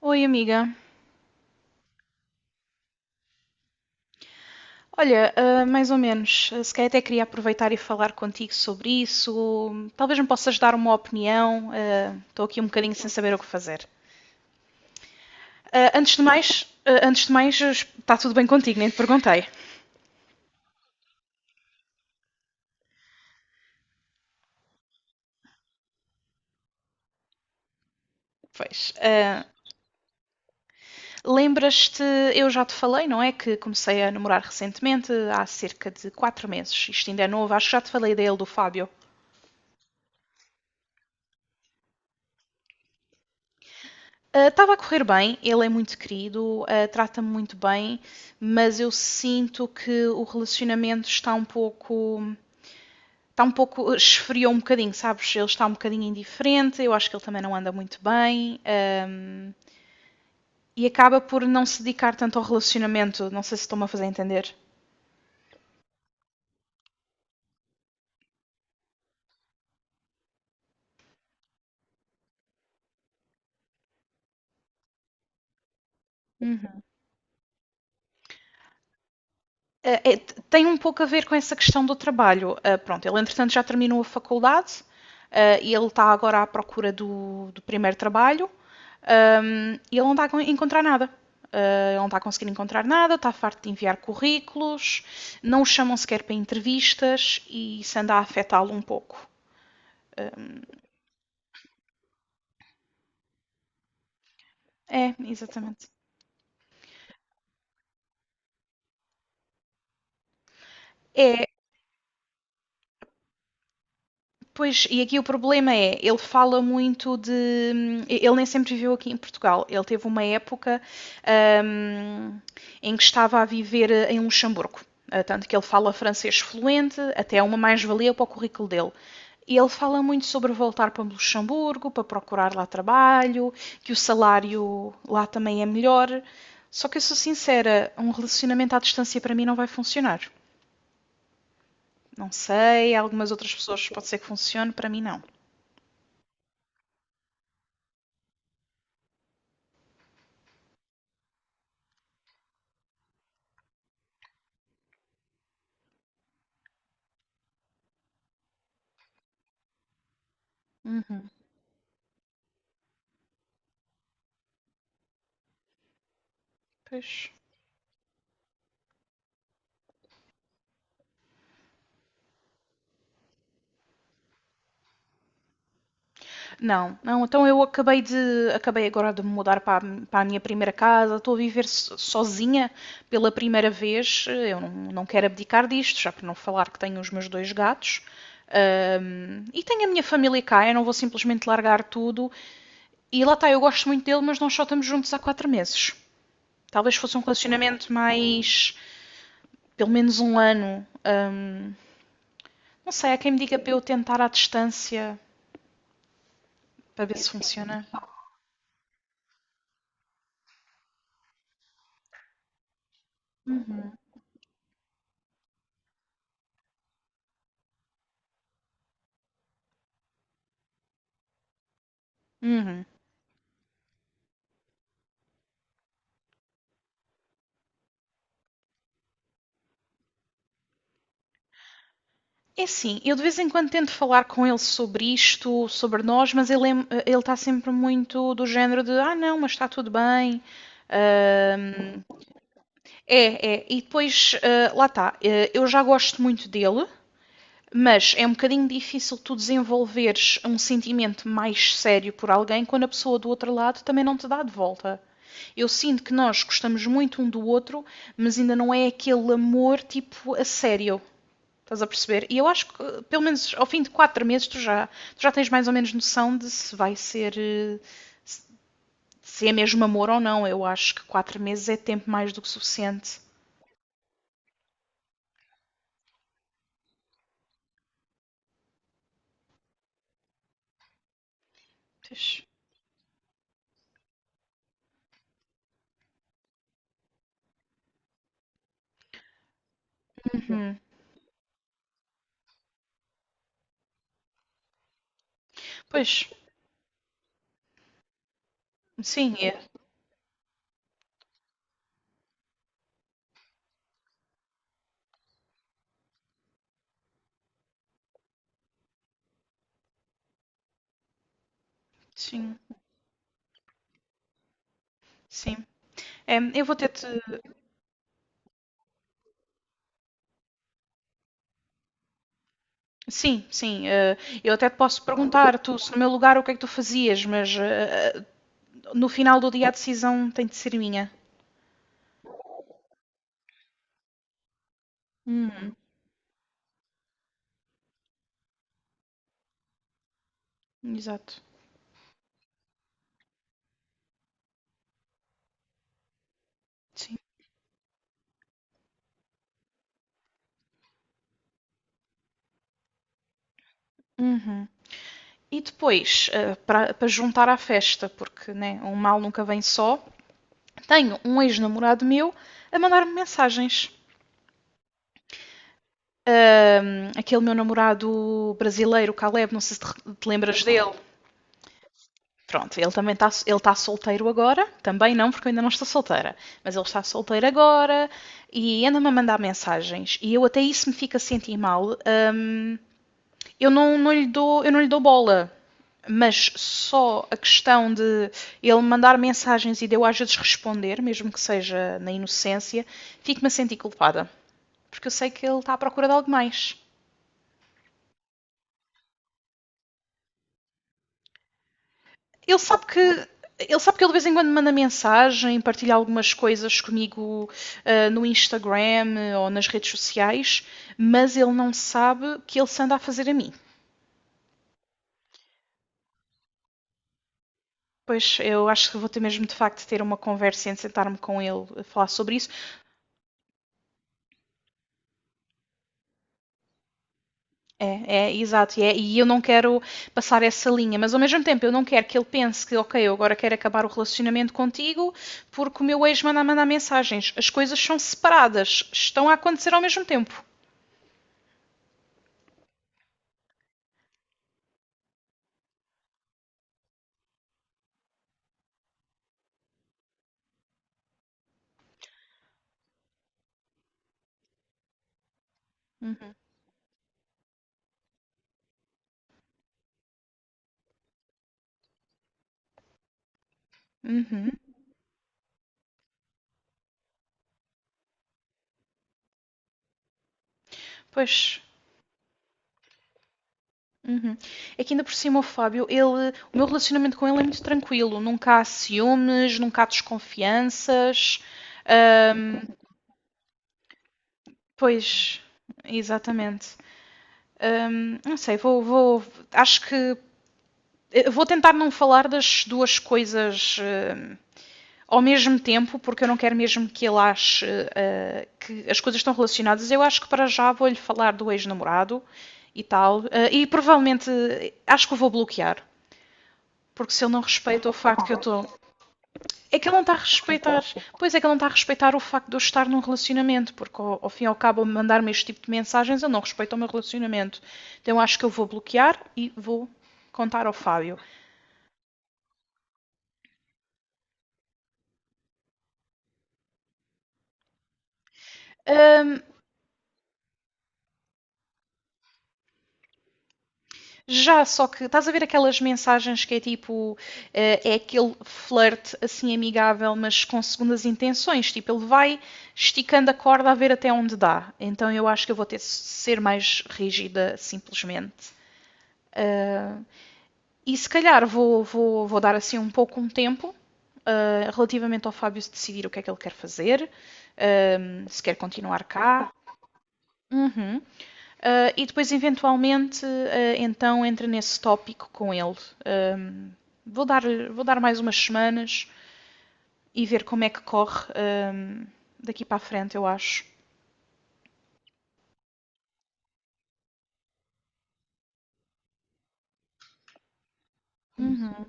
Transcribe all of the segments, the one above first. Oi, amiga. Olha, mais ou menos. Se calhar até queria aproveitar e falar contigo sobre isso. Talvez me possas dar uma opinião. Estou aqui um bocadinho sem saber o que fazer. Antes de mais, está tudo bem contigo? Nem te perguntei. Pois. Lembras-te, eu já te falei, não é? Que comecei a namorar recentemente, há cerca de 4 meses. Isto ainda é novo, acho que já te falei dele, do Fábio. Estava a correr bem, ele é muito querido, trata-me muito bem, mas eu sinto que o relacionamento está um pouco. Está um pouco. Esfriou um bocadinho, sabes? Ele está um bocadinho indiferente, eu acho que ele também não anda muito bem. E acaba por não se dedicar tanto ao relacionamento, não sei se estou-me a fazer entender. Uhum. Eh, eh, Tem um pouco a ver com essa questão do trabalho. Pronto, ele entretanto já terminou a faculdade, e ele está agora à procura do, do primeiro trabalho. E ele não está a encontrar nada. Ele não está a conseguir encontrar nada, está farto de enviar currículos, não o chamam sequer para entrevistas e isso anda a afetá-lo um pouco. Um, É, exatamente. É, pois, e aqui o problema é, ele fala muito de. Ele nem sempre viveu aqui em Portugal. Ele teve uma época hum, em que estava a viver em Luxemburgo. Tanto que ele fala francês fluente, até é uma mais-valia para o currículo dele. E ele fala muito sobre voltar para Luxemburgo, para procurar lá trabalho, que o salário lá também é melhor. Só que eu sou sincera, um relacionamento à distância para mim não vai funcionar. Não sei, algumas outras pessoas pode ser que funcione, para mim não. Uhum. Pois. Não, não, então eu acabei de acabei agora de me mudar para a, para a minha primeira casa, estou a viver sozinha pela primeira vez. Eu não, não quero abdicar disto, já por não falar que tenho os meus dois gatos. E tenho a minha família cá, eu não vou simplesmente largar tudo. E lá está, eu gosto muito dele, mas nós só estamos juntos há 4 meses. Talvez fosse um relacionamento mais, pelo menos um ano. Não sei, há quem me diga para eu tentar à distância para ver se funciona. Uhum. É assim, eu de vez em quando tento falar com ele sobre isto, sobre nós, mas ele, ele está sempre muito do género de ah não, mas está tudo bem. Ahm, É, é, e depois lá está, eu já gosto muito dele, mas é um bocadinho difícil tu desenvolveres um sentimento mais sério por alguém quando a pessoa do outro lado também não te dá de volta. Eu sinto que nós gostamos muito um do outro, mas ainda não é aquele amor tipo a sério. Estás a perceber? E eu acho que, pelo menos ao fim de 4 meses, tu já tens mais ou menos noção de se vai ser. Se- É mesmo amor ou não. Eu acho que 4 meses é tempo mais do que suficiente. Pois. Pois, sim, é. Sim, sim. É, eu vou ter-te. Sim, sim. Eu até te posso perguntar, tu, se no meu lugar, o que é que tu fazias, mas no final do dia a decisão tem de ser minha. Uhum. Exato. Sim. Uhum. E depois, para juntar à festa, porque né, um mal nunca vem só, tenho um ex-namorado meu a mandar-me mensagens. Aquele meu namorado brasileiro, Caleb, não sei se te lembras dele. Pronto, ele também está, ele tá solteiro agora. Também não, porque eu ainda não estou solteira. Mas ele está solteiro agora e anda-me a mandar mensagens. E eu até isso me fica a sentir mal. Eu não lhe dou bola. Mas só a questão de ele mandar mensagens e de eu às vezes responder, mesmo que seja na inocência, fico-me a sentir culpada. Porque eu sei que ele está à procura de algo mais. Ele sabe que ele de vez em quando manda mensagem, partilha algumas coisas comigo no Instagram ou nas redes sociais, mas ele não sabe que ele se anda a fazer a mim. Pois eu acho que vou ter mesmo de facto de ter uma conversa e sentar-me com ele a falar sobre isso. É, é, exato. E, e eu não quero passar essa linha, mas ao mesmo tempo eu não quero que ele pense que, ok, eu agora quero acabar o relacionamento contigo porque o meu ex mandar mensagens. As coisas são separadas, estão a acontecer ao mesmo tempo. Uhum. Uhum. Pois. Uhum. É que ainda por cima o Fábio, ele, o meu relacionamento com ele é muito tranquilo. Nunca há ciúmes, nunca há desconfianças. Ahm, Pois, exatamente. Não sei, vou. Acho que eu vou tentar não falar das duas coisas ao mesmo tempo, porque eu não quero mesmo que ele ache que as coisas estão relacionadas. Eu acho que para já vou-lhe falar do ex-namorado e tal. E provavelmente acho que o vou bloquear. Porque se ele não respeita o facto que eu estou. Tô... É que ele não está a respeitar. Pois é que ele não está a respeitar o facto de eu estar num relacionamento, porque ao fim e ao cabo, mandar-me este tipo de mensagens, ele não respeita o meu relacionamento. Então acho que eu vou bloquear e vou contar ao Fábio. Ahm, Já, só que estás a ver aquelas mensagens que é tipo, é aquele flerte assim amigável, mas com segundas intenções. Tipo, ele vai esticando a corda a ver até onde dá. Então eu acho que eu vou ter de ser mais rígida, simplesmente. Ah, e se calhar vou dar assim um pouco um tempo, relativamente ao Fábio decidir o que é que ele quer fazer, se quer continuar cá. Uhum. E depois, eventualmente, então entra nesse tópico com ele. Ahm, vou, dar, Vou dar mais umas semanas e ver como é que corre daqui para a frente, eu acho. Uhum.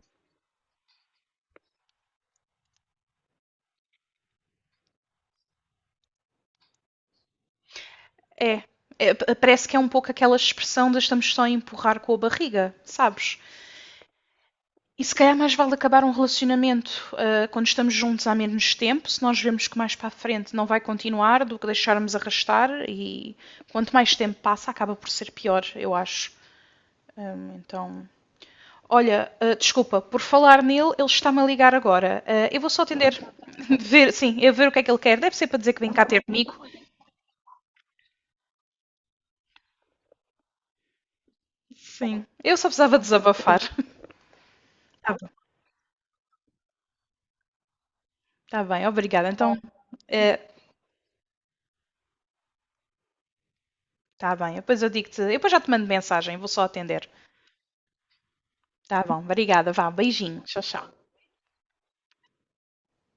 É, é, parece que é um pouco aquela expressão de estamos só a empurrar com a barriga, sabes? E se calhar mais vale acabar um relacionamento quando estamos juntos há menos tempo, se nós vemos que mais para a frente não vai continuar do que deixarmos arrastar e quanto mais tempo passa acaba por ser pior, eu acho. Então, olha, desculpa, por falar nele, ele está-me a ligar agora. Eu vou só atender, ver, sim, eu ver o que é que ele quer. Deve ser para dizer que vem cá ter comigo. Sim, eu só precisava desabafar. Tá bom, tá bem, obrigada. Então, eh, tá bem, depois eu digo-te, eu depois já te mando mensagem, vou só atender. Tá bom, obrigada, vá, beijinho, tchau, tchau.